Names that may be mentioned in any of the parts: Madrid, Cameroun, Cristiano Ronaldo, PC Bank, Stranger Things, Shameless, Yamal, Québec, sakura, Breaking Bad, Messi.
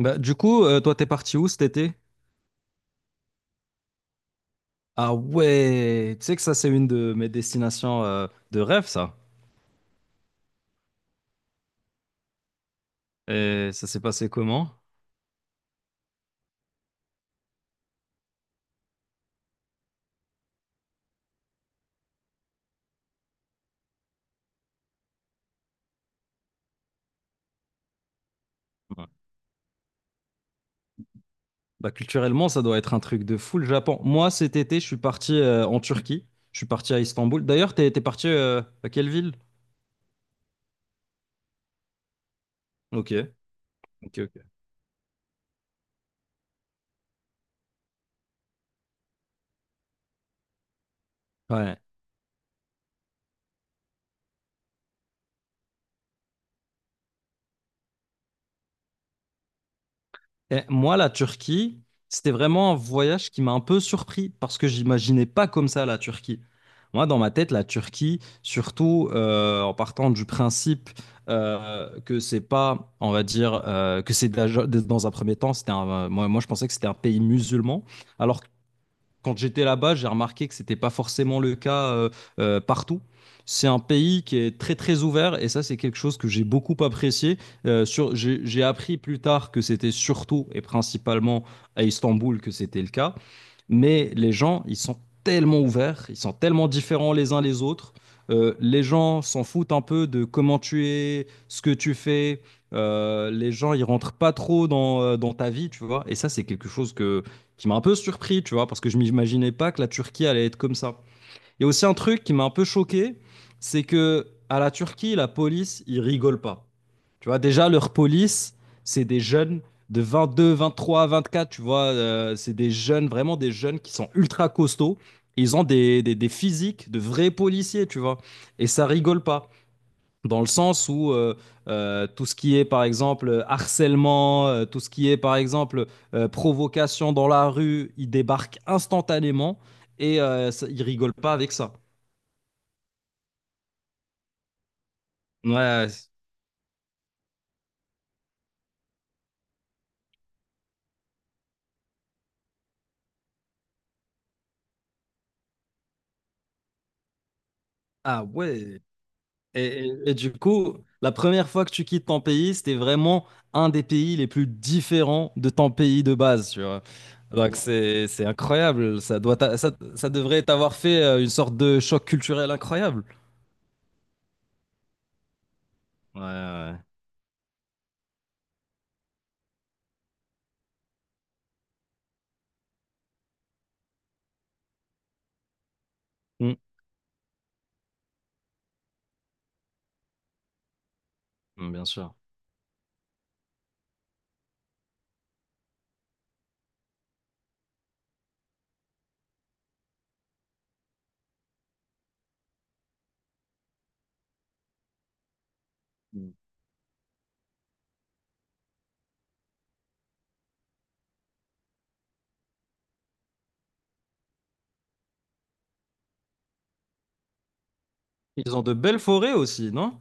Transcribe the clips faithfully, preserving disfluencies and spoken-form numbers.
Bah, du coup, euh, toi, t'es parti où cet été? Ah ouais, tu sais que ça, c'est une de mes destinations euh, de rêve, ça. Et ça s'est passé comment? Ouais. Bah, culturellement, ça doit être un truc de fou, le Japon. Moi, cet été, je suis parti euh, en Turquie. Je suis parti à Istanbul. D'ailleurs, t'es, t'es parti euh, à quelle ville? Ok, ok, ok. Ouais. Et moi, la Turquie, c'était vraiment un voyage qui m'a un peu surpris parce que j'imaginais pas comme ça la Turquie. Moi, dans ma tête, la Turquie, surtout euh, en partant du principe euh, que c'est pas, on va dire, euh, que c'est de la- dans un premier temps, c'était un- moi, moi, je pensais que c'était un pays musulman, alors quand j'étais là-bas, j'ai remarqué que c'était pas forcément le cas euh, euh, partout. C'est un pays qui est très très ouvert et ça c'est quelque chose que j'ai beaucoup apprécié. Euh, sur, j'ai j'ai appris plus tard que c'était surtout et principalement à Istanbul que c'était le cas, mais les gens ils sont tellement ouverts, ils sont tellement différents les uns les autres. Euh, les gens s'en foutent un peu de comment tu es, ce que tu fais. Euh, les gens ils rentrent pas trop dans, euh, dans ta vie, tu vois. Et ça c'est quelque chose que qui m'a un peu surpris, tu vois, parce que je m'imaginais pas que la Turquie allait être comme ça. Il y a aussi un truc qui m'a un peu choqué, c'est que à la Turquie, la police, ils rigolent pas. Tu vois, déjà, leur police, c'est des jeunes de vingt-deux, vingt-trois, vingt-quatre, tu vois, euh, c'est des jeunes, vraiment des jeunes qui sont ultra costauds. Ils ont des, des, des physiques de vrais policiers, tu vois, et ça rigole pas dans le sens où euh, euh, tout ce qui est par exemple harcèlement, euh, tout ce qui est par exemple euh, provocation dans la rue, il débarque instantanément et euh, ça- il rigole pas avec ça. Ouais. Ah ouais. Et, et- et du coup, la première fois que tu quittes ton pays, c'était vraiment un des pays les plus différents de ton pays de base, tu vois. Donc c'est c'est incroyable. Ça doit t'a- ça, ça devrait t'avoir fait euh, une sorte de choc culturel incroyable. Ouais, ouais. Ouais. Mm. Mm, bien sûr. Ils ont de belles forêts aussi, non?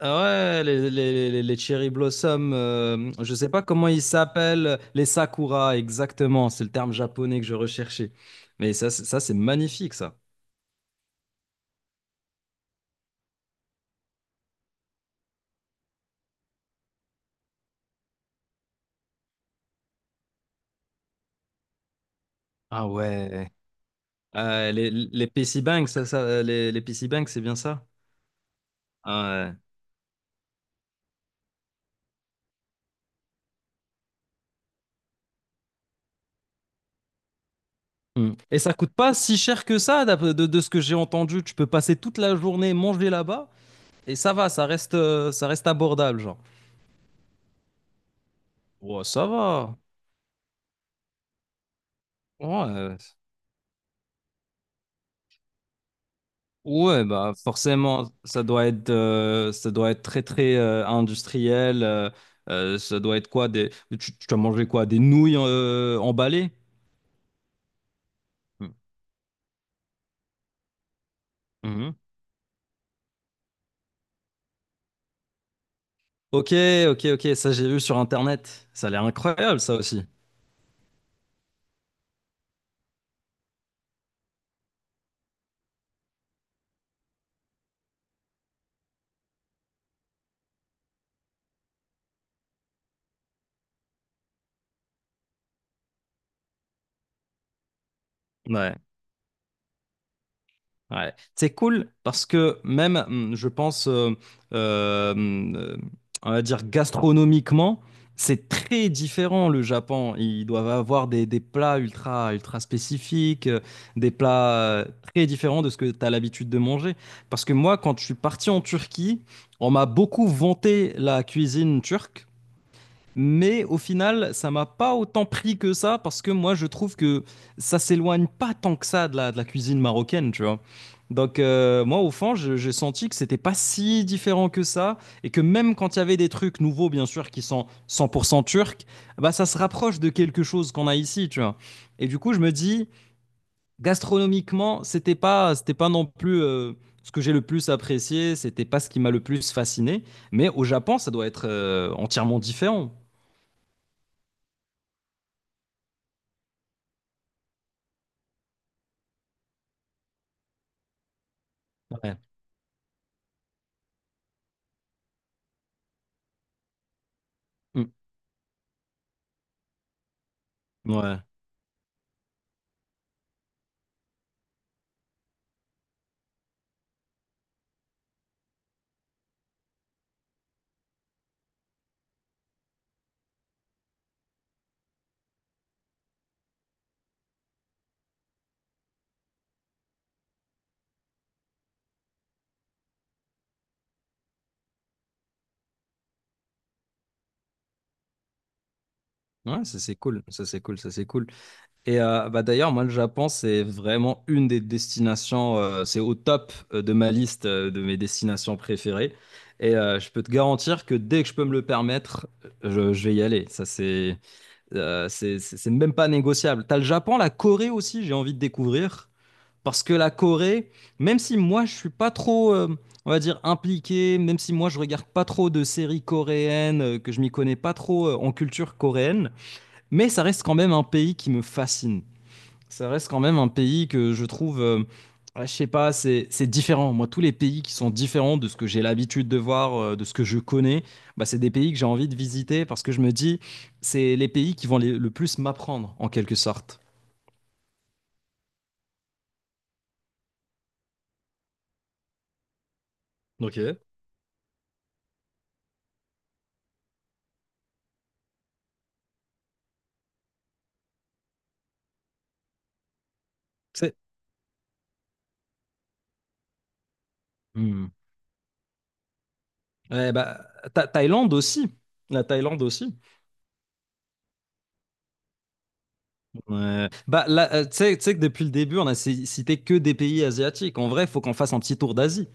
Ah ouais, les, les, les, les cherry blossoms, euh, je sais pas comment ils s'appellent, les sakura, exactement, c'est le terme japonais que je recherchais. Mais ça, c'est- ça c'est magnifique, ça. Ah ouais. Euh, les, les P C Bank, ça, ça, euh, les, les P C Bank, c'est bien ça? Ah ouais. Mm. Et ça coûte pas si cher que ça, d'ap- de, de ce que j'ai entendu. Tu peux passer toute la journée manger là-bas et ça va, ça reste, euh, ça reste abordable, genre. Ouais, ça va. Ouais. Ouais, bah forcément, ça doit être, euh, ça doit être très très euh, industriel. Euh, euh, ça doit être quoi des, tu, tu as mangé quoi des nouilles euh, emballées? Mm. Mhm. Ok, ok, ok. Ça j'ai vu sur Internet. Ça a l'air incroyable, ça aussi. Ouais. Ouais. C'est cool parce que même, hum, je pense, euh, euh, hum, euh, on va dire gastronomiquement, c'est très différent le Japon. Ils doivent avoir des, des plats ultra, ultra spécifiques, euh, des plats euh, très différents de ce que tu as l'habitude de manger. Parce que moi, quand je suis parti en Turquie, on m'a beaucoup vanté la cuisine turque. Mais au final, ça m'a pas autant pris que ça parce que moi, je trouve que ça s'éloigne pas tant que ça de la, de la cuisine marocaine, tu vois. Donc euh, moi, au fond, je- j'ai senti que c'était pas si différent que ça et que même quand il y avait des trucs nouveaux, bien sûr, qui sont cent pour cent turcs, bah ça se rapproche de quelque chose qu'on a ici, tu vois. Et du coup, je me dis, gastronomiquement, c'était pas, c'était pas non plus euh, ce que j'ai le plus apprécié, c'était pas ce qui m'a le plus fasciné. Mais au Japon, ça doit être euh, entièrement différent. Ouais. Mm. Ouais, ouais, ça c'est cool, ça c'est cool, ça c'est cool. Et euh, bah d'ailleurs, moi le Japon c'est vraiment une des destinations, euh, c'est au top euh, de ma liste euh, de mes destinations préférées. Et euh, je peux te garantir que dès que je peux me le permettre, je, je vais y aller. Ça c'est, euh, c'est, c'est c'est même pas négociable. T'as le Japon, la Corée aussi, j'ai envie de découvrir. Parce que la Corée, même si moi je suis pas trop, euh, on va dire, impliqué, même si moi je regarde pas trop de séries coréennes, euh, que je m'y connais pas trop euh, en culture coréenne, mais ça reste quand même un pays qui me fascine. Ça reste quand même un pays que je trouve, euh, ouais, je sais pas, c'est c'est différent. Moi, tous les pays qui sont différents de ce que j'ai l'habitude de voir, euh, de ce que je connais, bah, c'est des pays que j'ai envie de visiter parce que je me dis, c'est les pays qui vont les- le plus m'apprendre en quelque sorte. Ok. C'est- Ouais, bah, Tha- Thaïlande aussi. La Thaïlande aussi. Ouais. Bah, là, euh, tu sais, tu sais que depuis le début, on a ci- cité que des pays asiatiques. En vrai, il faut qu'on fasse un petit tour d'Asie.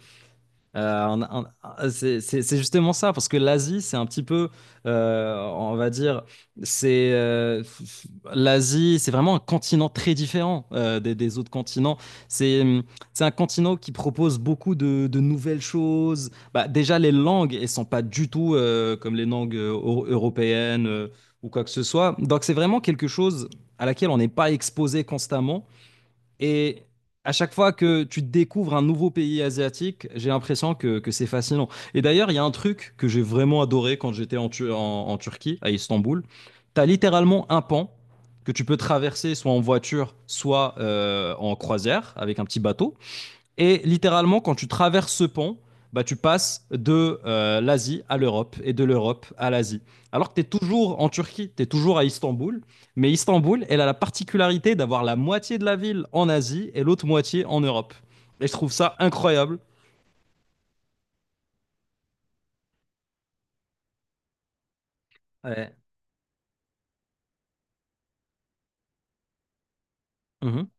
Euh, on- a- on- c'est c'est- c'est justement ça, parce que l'Asie, c'est un petit peu, euh, on va dire, c'est euh, f- l'Asie, c'est vraiment un continent très différent euh, des, des autres continents. C'est hum, c'est un continent qui propose beaucoup de, de nouvelles choses. Bah, déjà, les langues, elles sont pas du tout euh, comme les langues euh, eu- européennes euh, ou quoi que ce soit. Donc, c'est vraiment quelque chose à laquelle on n'est pas exposé constamment. Et à chaque fois que tu découvres un nouveau pays asiatique, j'ai l'impression que, que c'est fascinant. Et d'ailleurs, il y a un truc que j'ai vraiment adoré quand j'étais en, Tu- en- en Turquie, à Istanbul. Tu as littéralement un pan que tu peux traverser soit en voiture, soit euh, en croisière avec un petit bateau. Et littéralement, quand tu traverses ce pont, bah, tu passes de euh, l'Asie à l'Europe et de l'Europe à l'Asie. Alors que tu es toujours en Turquie, tu es toujours à Istanbul, mais Istanbul, elle a la particularité d'avoir la moitié de la ville en Asie et l'autre moitié en Europe. Et je trouve ça incroyable. Ouais. Mhm.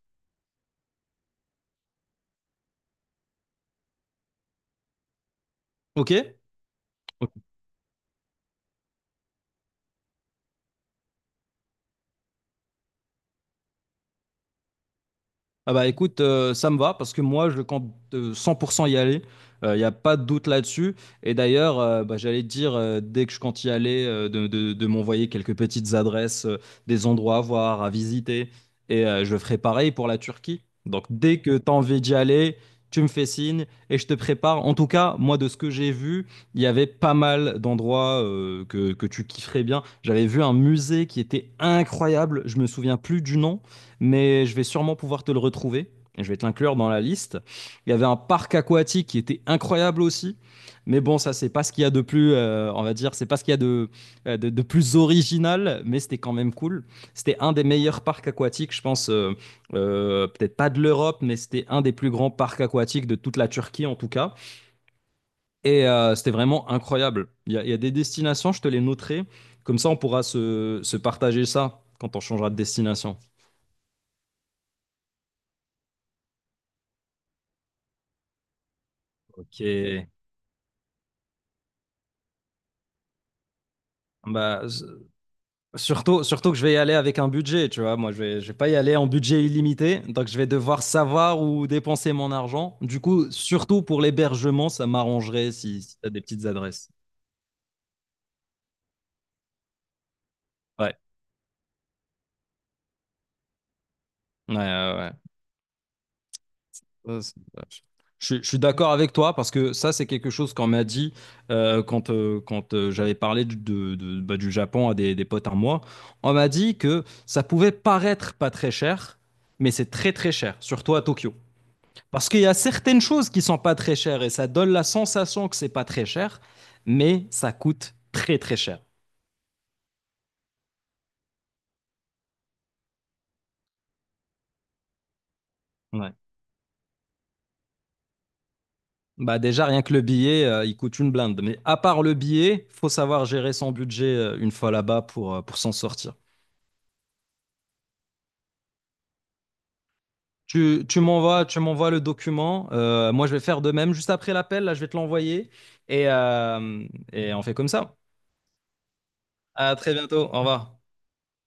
Ok? Ok. Ah bah écoute, euh, ça me va parce que moi je compte euh, cent pour cent y aller. Il n'y a pas de doute là-dessus. Et d'ailleurs, euh, bah, j'allais te dire, euh, dès que je compte y aller, euh, de, de- de m'envoyer quelques petites adresses, euh, des endroits à voir, à visiter. Et euh, je ferai pareil pour la Turquie. Donc dès que tu as envie d'y aller, tu me fais signe et je te prépare. En tout cas, moi de ce que j'ai vu, il y avait pas mal d'endroits euh, que, que tu kifferais bien. J'avais vu un musée qui était incroyable. Je me souviens plus du nom mais je vais sûrement pouvoir te le retrouver. Je vais te l'inclure dans la liste. Il y avait un parc aquatique qui était incroyable aussi. Mais bon, ça, c'est pas ce qu'il y a de plus, euh, on va dire, c'est pas ce qu'il y a de, euh, de, de, plus original, mais c'était quand même cool. C'était un des meilleurs parcs aquatiques, je pense, euh, euh, peut-être pas de l'Europe, mais c'était un des plus grands parcs aquatiques de toute la Turquie, en tout cas. Et euh, c'était vraiment incroyable. Il y, a, il y, a des destinations, je te les noterai, comme ça, on pourra se, se partager ça quand on changera de destination. Ok. Bah, s- surtout, surtout que je vais y aller avec un budget, tu vois. Moi, je vais, je vais pas y aller en budget illimité, donc je vais devoir savoir où dépenser mon argent. Du coup, surtout pour l'hébergement, ça m'arrangerait si, si tu des petites adresses. Ouais, ouais, ouais. Ouais. Ça, c'est- Je, suis je suis d'accord avec toi parce que ça, c'est quelque chose qu'on m'a dit euh, quand, euh, quand euh, j'avais parlé du, de- de- bah, du Japon à des, des potes à moi. On m'a dit que ça pouvait paraître pas très cher, mais c'est très très cher, surtout à Tokyo. Parce qu'il y a certaines choses qui sont pas très chères et ça donne la sensation que c'est pas très cher, mais ça coûte très très cher. Ouais. Bah déjà, rien que le billet, euh, il coûte une blinde. Mais à part le billet, faut savoir gérer son budget euh, une fois là-bas pour, euh, pour s'en sortir. Tu, tu m'envoies, tu m'envoies le document. Euh, moi, je vais faire de même juste après l'appel. Là, je vais te l'envoyer et, euh, et on fait comme ça. À très bientôt. Au revoir.